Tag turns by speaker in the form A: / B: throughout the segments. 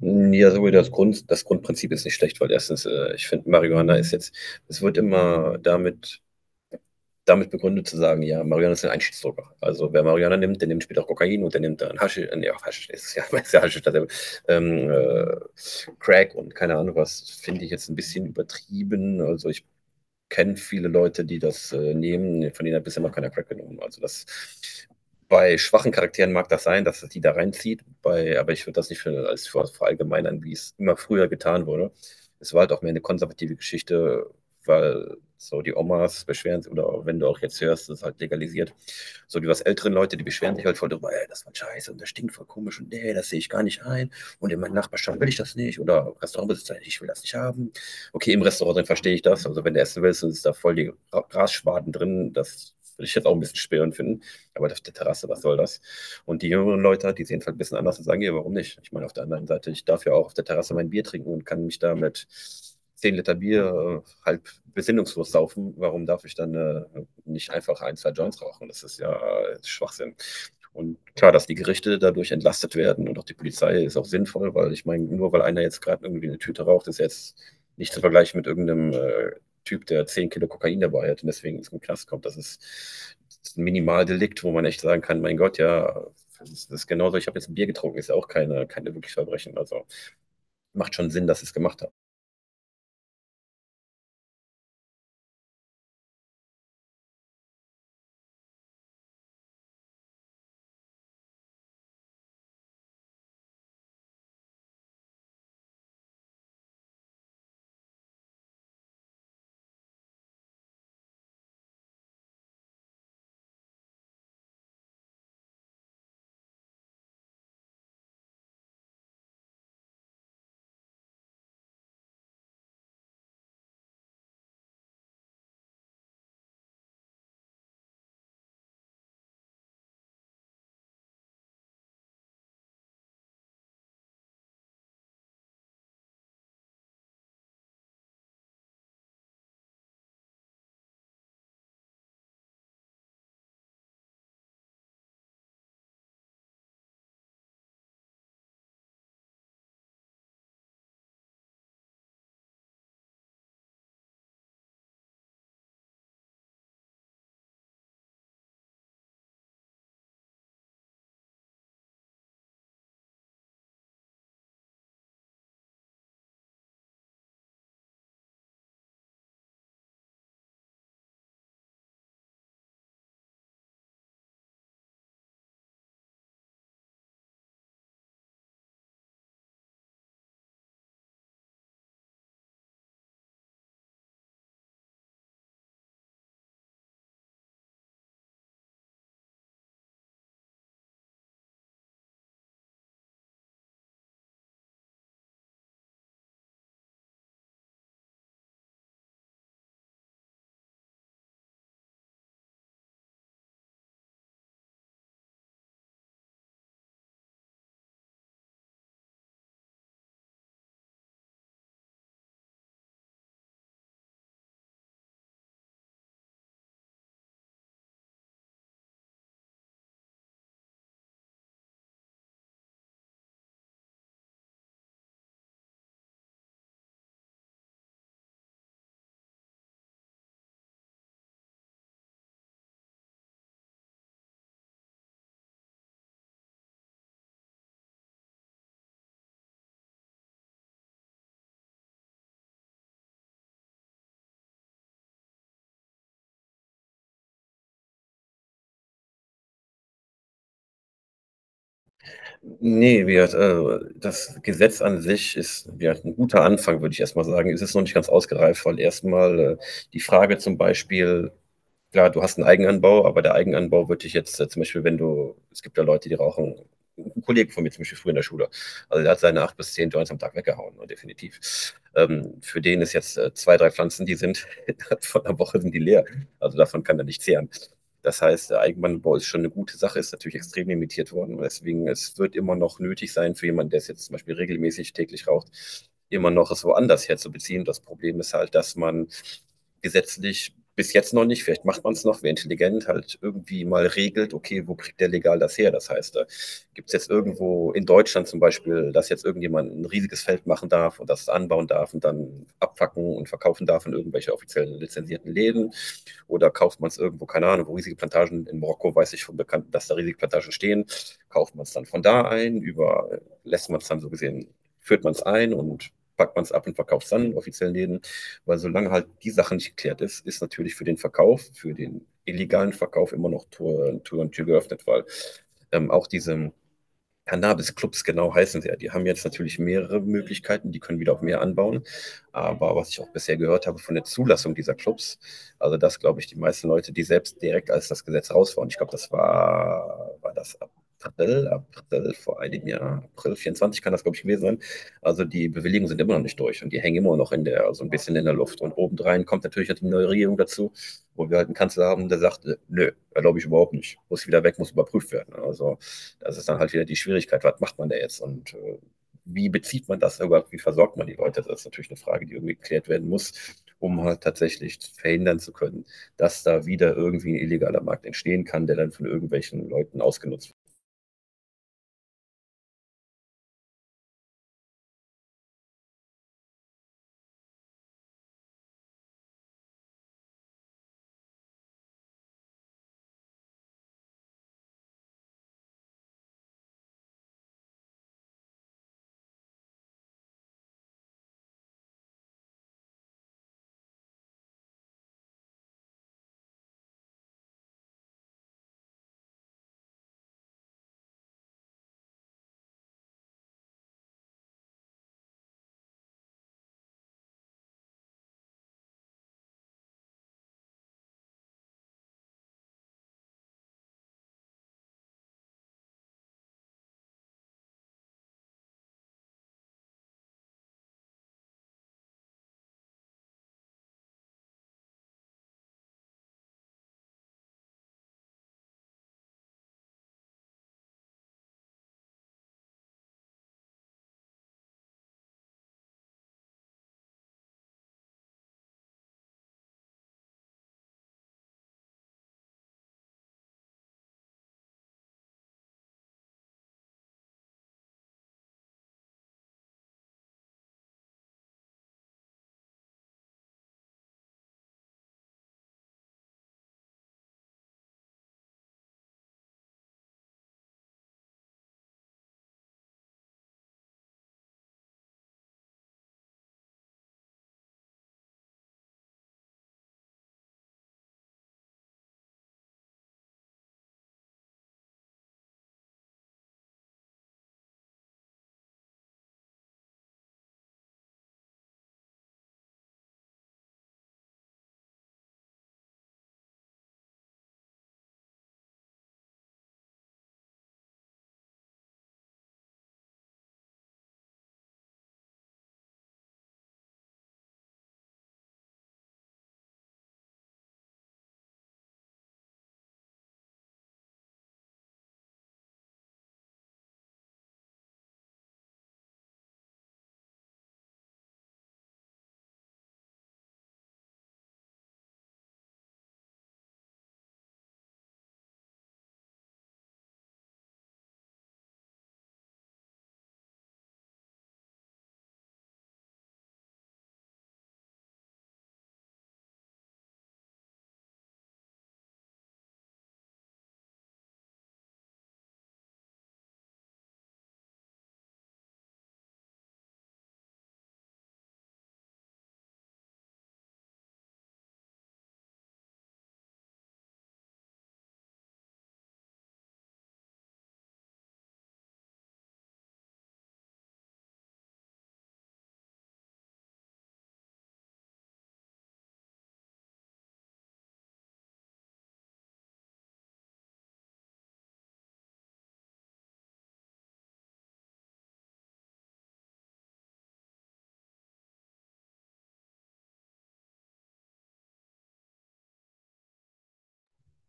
A: Ja, sowohl das Grundprinzip ist nicht schlecht, weil erstens, ich finde, Marihuana ist jetzt, es wird immer damit begründet zu sagen, ja, Marihuana ist ein Einstiegsdroger. Also wer Marihuana nimmt, der nimmt später auch Kokain und der nimmt dann Haschisch, nee, auch Haschisch ist ja, ist ja Haschisch, dasselbe, ähm, äh, Crack und keine Ahnung was, finde ich jetzt ein bisschen übertrieben. Also ich kenne viele Leute, die das nehmen. Von denen hat bisher noch keiner Crack genommen. Also das bei schwachen Charakteren mag das sein, dass das die da reinzieht, aber ich würde das nicht für verallgemeinern, wie es immer früher getan wurde. Es war halt auch mehr eine konservative Geschichte, weil so die Omas beschweren sich, oder wenn du auch jetzt hörst, das ist halt legalisiert. So die was älteren Leute, die beschweren sich halt voll drüber, ey, das war scheiße und das stinkt voll komisch und nee, das sehe ich gar nicht ein und in meiner Nachbarschaft will ich das nicht oder Restaurantbesitzer, ich will das nicht haben. Okay, im Restaurant drin verstehe ich das. Also wenn du essen willst, dann ist da voll die Grasschwaden drin. Das würde ich jetzt auch ein bisschen störend finden. Aber auf der Terrasse, was soll das? Und die jüngeren Leute, die sehen es halt ein bisschen anders und sagen, ja, warum nicht? Ich meine, auf der anderen Seite, ich darf ja auch auf der Terrasse mein Bier trinken und kann mich da mit 10 Liter Bier halb besinnungslos saufen. Warum darf ich dann nicht einfach ein, zwei Joints rauchen? Das ist ja Schwachsinn. Und klar, dass die Gerichte dadurch entlastet werden und auch die Polizei ist auch sinnvoll, weil ich meine, nur weil einer jetzt gerade irgendwie eine Tüte raucht, ist jetzt nicht zu vergleichen mit irgendeinem Typ, der 10 Kilo Kokain dabei hat und deswegen ins Knast kommt. Das ist ein Minimaldelikt, wo man echt sagen kann, mein Gott, ja, das ist genauso, ich habe jetzt ein Bier getrunken, ist ja auch keine wirklich Verbrechen. Also macht schon Sinn, dass sie es gemacht haben. Nee, wie gesagt, das Gesetz an sich ist, wie gesagt, ein guter Anfang, würde ich erstmal sagen. Es ist noch nicht ganz ausgereift, weil erstmal die Frage zum Beispiel, klar, du hast einen Eigenanbau, aber der Eigenanbau würde ich jetzt, zum Beispiel, wenn du es gibt ja Leute, die rauchen, 'n Kollege von mir zum Beispiel früher in der Schule, also der hat seine 8 bis 10 Joints am Tag weggehauen, ne, definitiv. Für den ist jetzt, 2, 3 Pflanzen, die sind von der Woche sind die leer. Also davon kann er nicht zehren. Das heißt, der Eigenanbau ist schon eine gute Sache, ist natürlich extrem limitiert worden. Deswegen, es wird immer noch nötig sein für jemanden, der es jetzt zum Beispiel regelmäßig täglich raucht, immer noch es woanders herzubeziehen. Das Problem ist halt, dass man gesetzlich bis jetzt noch nicht. Vielleicht macht man es noch, wer intelligent halt irgendwie mal regelt, okay, wo kriegt der legal das her? Das heißt, gibt es jetzt irgendwo in Deutschland zum Beispiel, dass jetzt irgendjemand ein riesiges Feld machen darf und das anbauen darf und dann abfacken und verkaufen darf in irgendwelche offiziellen lizenzierten Läden? Oder kauft man es irgendwo, keine Ahnung, wo riesige Plantagen in Marokko, weiß ich von Bekannten, dass da riesige Plantagen stehen, kauft man es dann von da ein, über, lässt man es dann so gesehen, führt man es ein und packt man es ab und verkauft es dann in offiziellen Läden. Weil solange halt die Sache nicht geklärt ist, ist natürlich für den Verkauf, für den illegalen Verkauf immer noch Tür und Tür geöffnet, weil auch diese Cannabis-Clubs genau heißen sie ja. Die haben jetzt natürlich mehrere Möglichkeiten, die können wieder auf mehr anbauen. Aber was ich auch bisher gehört habe von der Zulassung dieser Clubs, also das glaube ich, die meisten Leute, die selbst direkt als das Gesetz raus waren, ich glaube, das war, war das April, April vor einem Jahr, April 24 kann das glaube ich gewesen sein. Also die Bewilligungen sind immer noch nicht durch und die hängen immer noch in der, so also ein bisschen in der Luft. Und obendrein kommt natürlich die neue Regierung dazu, wo wir halt einen Kanzler haben, der sagt, nö, glaube ich überhaupt nicht, muss wieder weg, muss überprüft werden. Also das ist dann halt wieder die Schwierigkeit, was macht man da jetzt und wie bezieht man das überhaupt, wie versorgt man die Leute? Das ist natürlich eine Frage, die irgendwie geklärt werden muss, um halt tatsächlich verhindern zu können, dass da wieder irgendwie ein illegaler Markt entstehen kann, der dann von irgendwelchen Leuten ausgenutzt wird.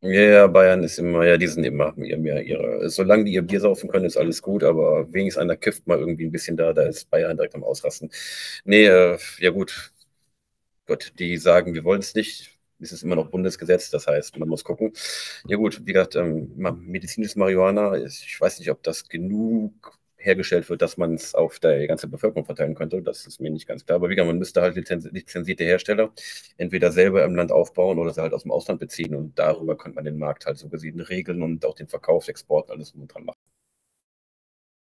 A: Ja, ja, Bayern ist immer, ja, die sind immer ja, mehr ihre. Solange die ihr Bier saufen können, ist alles gut, aber wenigstens einer kifft mal irgendwie ein bisschen da, da ist Bayern direkt am Ausrasten. Nee, ja gut, Gott, die sagen, wir wollen es nicht, ist es immer noch Bundesgesetz, das heißt, man muss gucken. Ja gut, wie gesagt, medizinisches Marihuana, ich weiß nicht, ob das genug hergestellt wird, dass man es auf der ganzen Bevölkerung verteilen könnte, das ist mir nicht ganz klar. Aber wie gesagt, man müsste halt lizenzierte Hersteller entweder selber im Land aufbauen oder sie halt aus dem Ausland beziehen und darüber könnte man den Markt halt so gesehen regeln und auch den Verkauf, Export, alles drum und dran